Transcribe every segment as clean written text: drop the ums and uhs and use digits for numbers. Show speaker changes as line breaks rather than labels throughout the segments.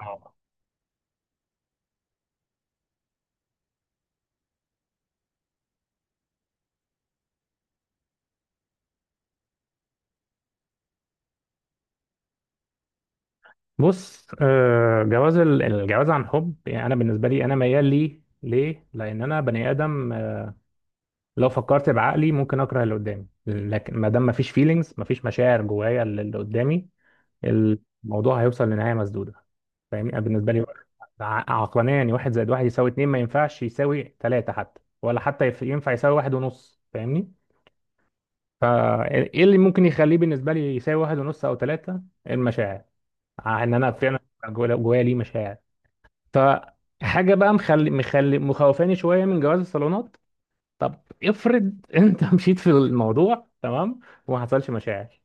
اه بص، جواز الجواز عن حب يعني انا بالنسبه لي انا ميال ليه لان انا بني ادم. لو فكرت بعقلي ممكن اكره اللي قدامي، لكن ما دام ما فيش فيلينجز، ما فيش مشاعر جوايا للي قدامي، الموضوع هيوصل لنهايه مسدوده. فاهمني؟ انا بالنسبه لي عقلانيا يعني واحد زائد واحد يساوي اتنين، ما ينفعش يساوي تلاته، حتى ولا حتى ينفع يساوي واحد ونص. فاهمني؟ فايه اللي ممكن يخليه بالنسبه لي يساوي واحد ونص او تلاته؟ المشاعر، ان انا فعلا جوايا ليه مشاعر. فحاجه بقى مخلي مخوفاني شويه من جواز الصالونات. طب افرض انت مشيت في الموضوع تمام وما حصلش مشاعر،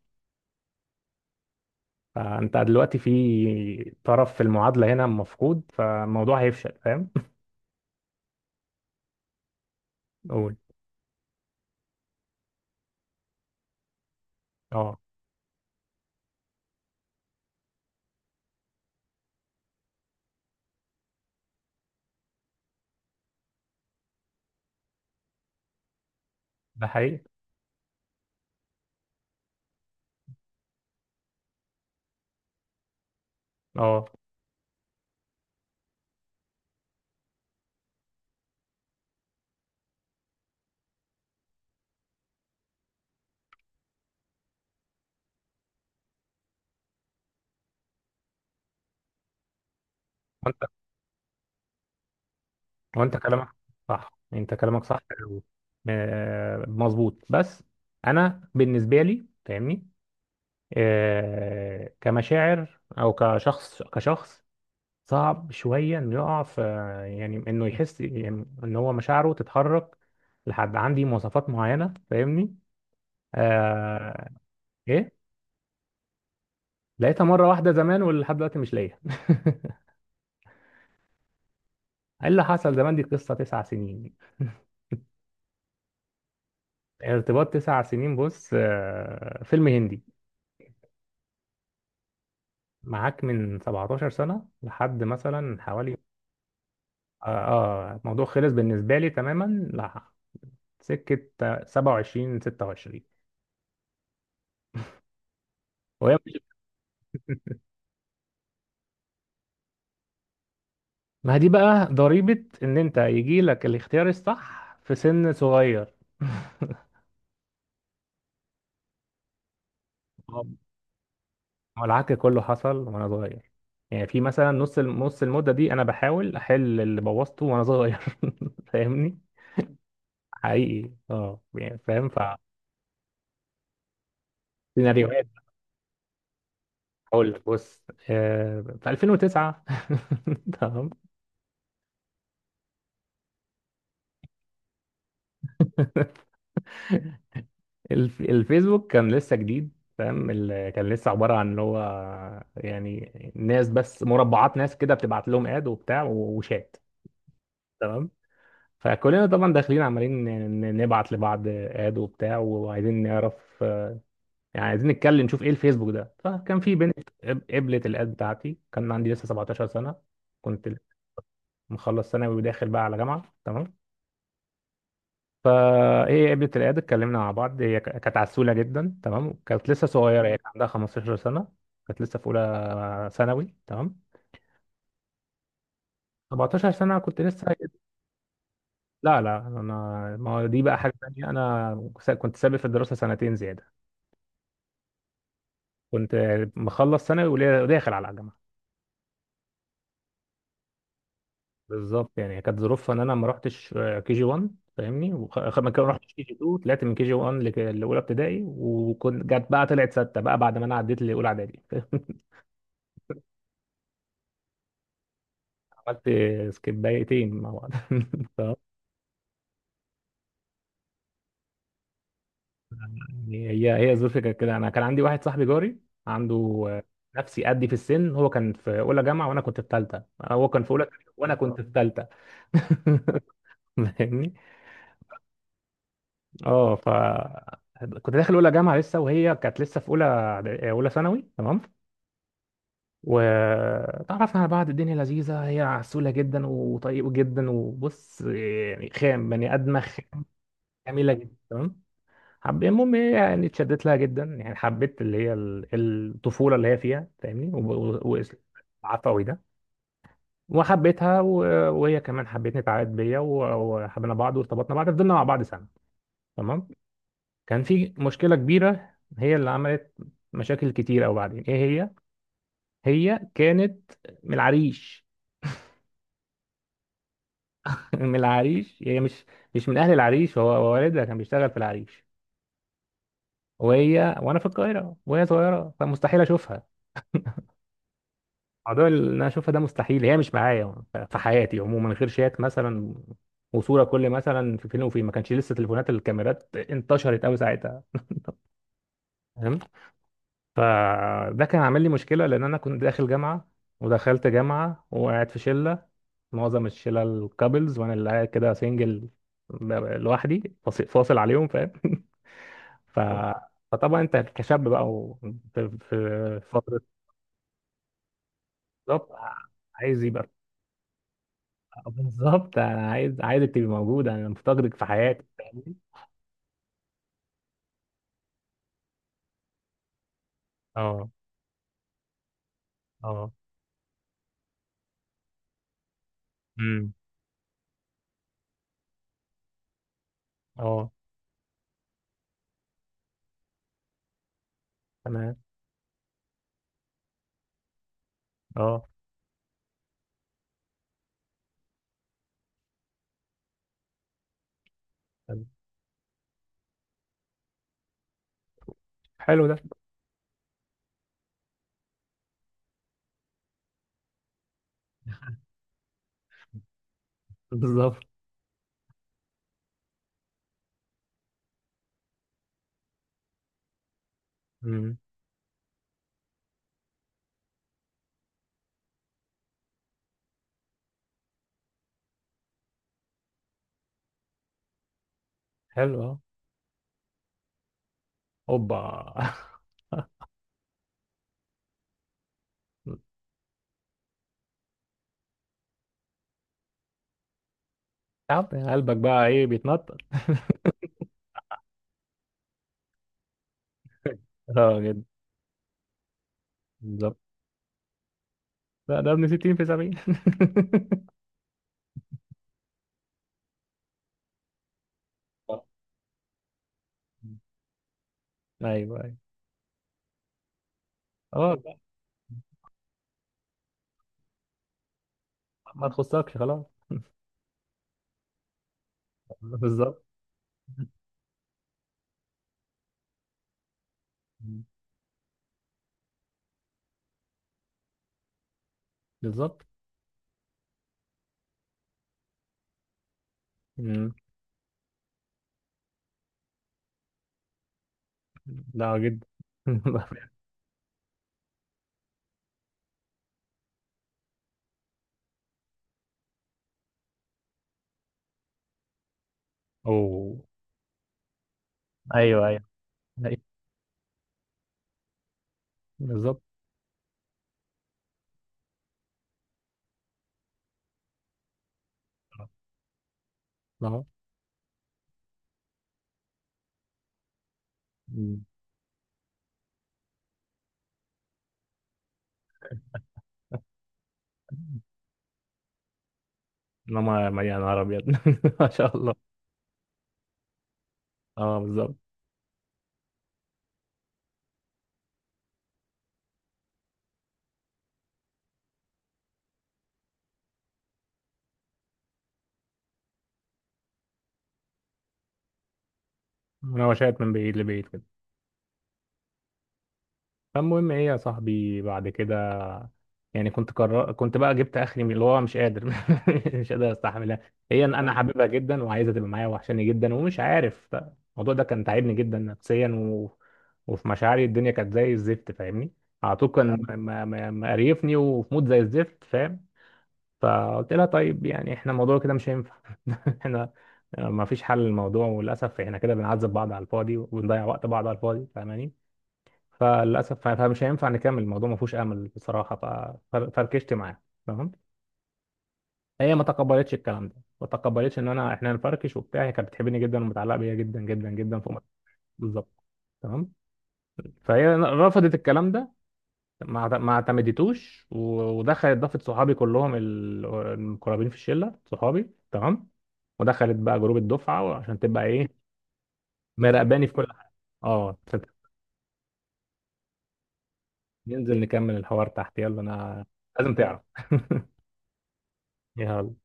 فانت دلوقتي في طرف في المعادله هنا مفقود، فالموضوع هيفشل. فاهم؟ قول. اه، ده حقيقي. اه، وانت وانت كلامك صح، انت كلامك صح. و- مظبوط. بس انا بالنسبه لي فاهمني، كمشاعر او كشخص، كشخص صعب شوية انه يقع في، يعني انه يحس يعني ان هو مشاعره تتحرك لحد عندي مواصفات معينة. فاهمني؟ آه. ايه، لقيتها مرة واحدة زمان ولحد دلوقتي مش لاقيها. ايه اللي حصل زمان؟ دي قصة 9 سنين. ارتباط 9 سنين. بص، فيلم هندي. معاك من 17 سنة لحد مثلا حوالي، اه، الموضوع خلص بالنسبة لي تماما سكة، 27، 26. وهي، ما هي دي بقى ضريبة ان انت يجي لك الاختيار الصح في سن صغير. آه. هو العك كله حصل وانا صغير، يعني في مثلا نص نص المدة دي انا بحاول احل اللي بوظته وانا صغير. فاهمني؟ حقيقي، اه يعني، فاهم؟ ف، سيناريوهات. اقول لك، بص، في 2009، تمام. الفيسبوك كان لسه جديد، فاهم؟ كان لسه عبارة عن اللي هو، يعني ناس بس، مربعات ناس كده بتبعت لهم اد وبتاع وشات. تمام؟ فكلنا طبعا داخلين عمالين نبعت لبعض اد وبتاع وعايزين نعرف، يعني عايزين نتكلم نشوف ايه الفيسبوك ده. فكان في بنت قبلت الاد بتاعتي. كان عندي لسه 17 سنة، كنت مخلص ثانوي وداخل بقى على جامعة. تمام؟ فايه، قابلت العياده، اتكلمنا مع بعض، هي كانت عسوله جدا. تمام؟ كانت لسه صغيره هي، كان عندها 15 سنه، كانت لسه في اولى ثانوي. تمام؟ 14 سنه كنت لسه، لا لا انا، ما هو دي بقى حاجه تانيه، انا كنت سابق في الدراسه 2 سنة زياده. كنت مخلص ثانوي وداخل على الجامعه. بالظبط، يعني كانت ظروفها ان انا ما رحتش كي جي 1 فاهمني، ما كان- رحتش كي جي 2، طلعت من كي جي 1 لاولى ابتدائي، وكنت جت بقى طلعت سته بقى بعد ما انا عديت لاولى اعدادي. عملت سكيب 2 دقيقة مع بعض. طب، يعني هي، الظروف كانت كده. انا كان عندي واحد صاحبي جاري عنده، آه، نفسي قدي في السن. هو كان في اولى جامعه وانا كنت في ثالثه، هو كان في اولى ثانوي وانا كنت في ثالثه. فاهمني؟ اه، ف، كنت داخل اولى جامعه لسه وهي كانت لسه في اولى ثانوي. تمام؟ وتعرفنا على بعض. الدنيا لذيذه، هي عسوله جدا وطيبه جدا، وبص يعني خام، بني ادمه خام، جميله جدا. تمام؟ حبيت، المهم، هي يعني اتشدت لها جدا، يعني حبيت اللي هي الطفولة اللي هي فيها، فاهمني؟ وعفوي ده، وحبيتها وهي كمان حبتني، اتعقدت بيا وحبينا بعض وارتبطنا بعض، فضلنا مع بعض سنة. تمام؟ كان في مشكلة كبيرة هي اللي عملت مشاكل كتير قوي بعدين. ايه هي؟ هي كانت من العريش. من العريش، هي مش مش من اهل العريش، هو والدها كان بيشتغل في العريش، وهي وانا في القاهرة وهي صغيرة، فمستحيل اشوفها. موضوع اللي انا اشوفها ده مستحيل، هي مش معايا في حياتي عموما غير شات مثلا، وصوره كل مثلا في فيلم وفيلم. ما كانش لسه تليفونات الكاميرات انتشرت قوي ساعتها، فاهم؟ فده كان عامل لي مشكله، لان انا كنت داخل جامعه، ودخلت جامعه وقاعد في شله، معظم الشله الكابلز، وانا اللي قاعد كده سنجل لوحدي، فاصل عليهم، فاهم؟ ف، فطبعا انت كشاب بقى في في فتره، بالظبط، عايز يبقى. بالظبط، انا عايز، عايزك تبقي موجوده، انا مفتقدك في حياتي فاهمني؟ اه، اه، امم، اه، تمام. اه، طب. حلو ده، بالظبط. امم. حلو. اه. اوبا. تعب قلبك بقى، ايه بيتنطط؟ اه جدا، بالظبط. لا ده ابن 60 في 70. آه. مم. ايوه، ايوه. خلاص بقى، ما تخصكش خلاص. بالظبط. مم. بالظبط. مم. لا، جدا. اوه. ايوه، ايوه. أيوة. بالظبط. آه. مم. انما مليان، نهار ابيض. ما شاء الله. اه، بالظبط. انا وشيت من بعيد لبعيد كده. فالمهم ايه يا صاحبي بعد كده، يعني كنت قرر، كنت بقى جبت اخري اللي هو مش قادر، مش قادر استحملها. هي انا، أنا حاببها جدا وعايزه تبقى معايا وحشاني جدا ومش عارف. الموضوع ده كان تعبني جدا نفسيا، و، وفي مشاعري الدنيا كانت زي الزفت، فاهمني؟ على طول كان مقريفني وفي مود زي الزفت، فاهم؟ فقلت لها، طيب يعني احنا الموضوع كده مش هينفع، احنا ما فيش حل للموضوع، وللاسف احنا كده بنعذب بعض على الفاضي وبنضيع وقت بعض على الفاضي، فاهماني؟ فللاسف فمش هينفع نكمل الموضوع، ما فيهوش امل بصراحه. ففركشت معاها، تمام. هي ما تقبلتش الكلام ده، ما تقبلتش ان انا، احنا نفركش وبتاع. هي كانت بتحبني جدا ومتعلقه بيا جدا جدا جدا، فوق ما، بالظبط. تمام؟ فهي رفضت الكلام ده، ما اعتمدتوش، ودخلت ضافت صحابي كلهم، المقربين في الشله، صحابي. تمام؟ ودخلت بقى جروب الدفعه عشان تبقى ايه، مراقباني في كل حاجه. اه. ننزل نكمل الحوار تحت، يلا انا لازم تعرف. يلا.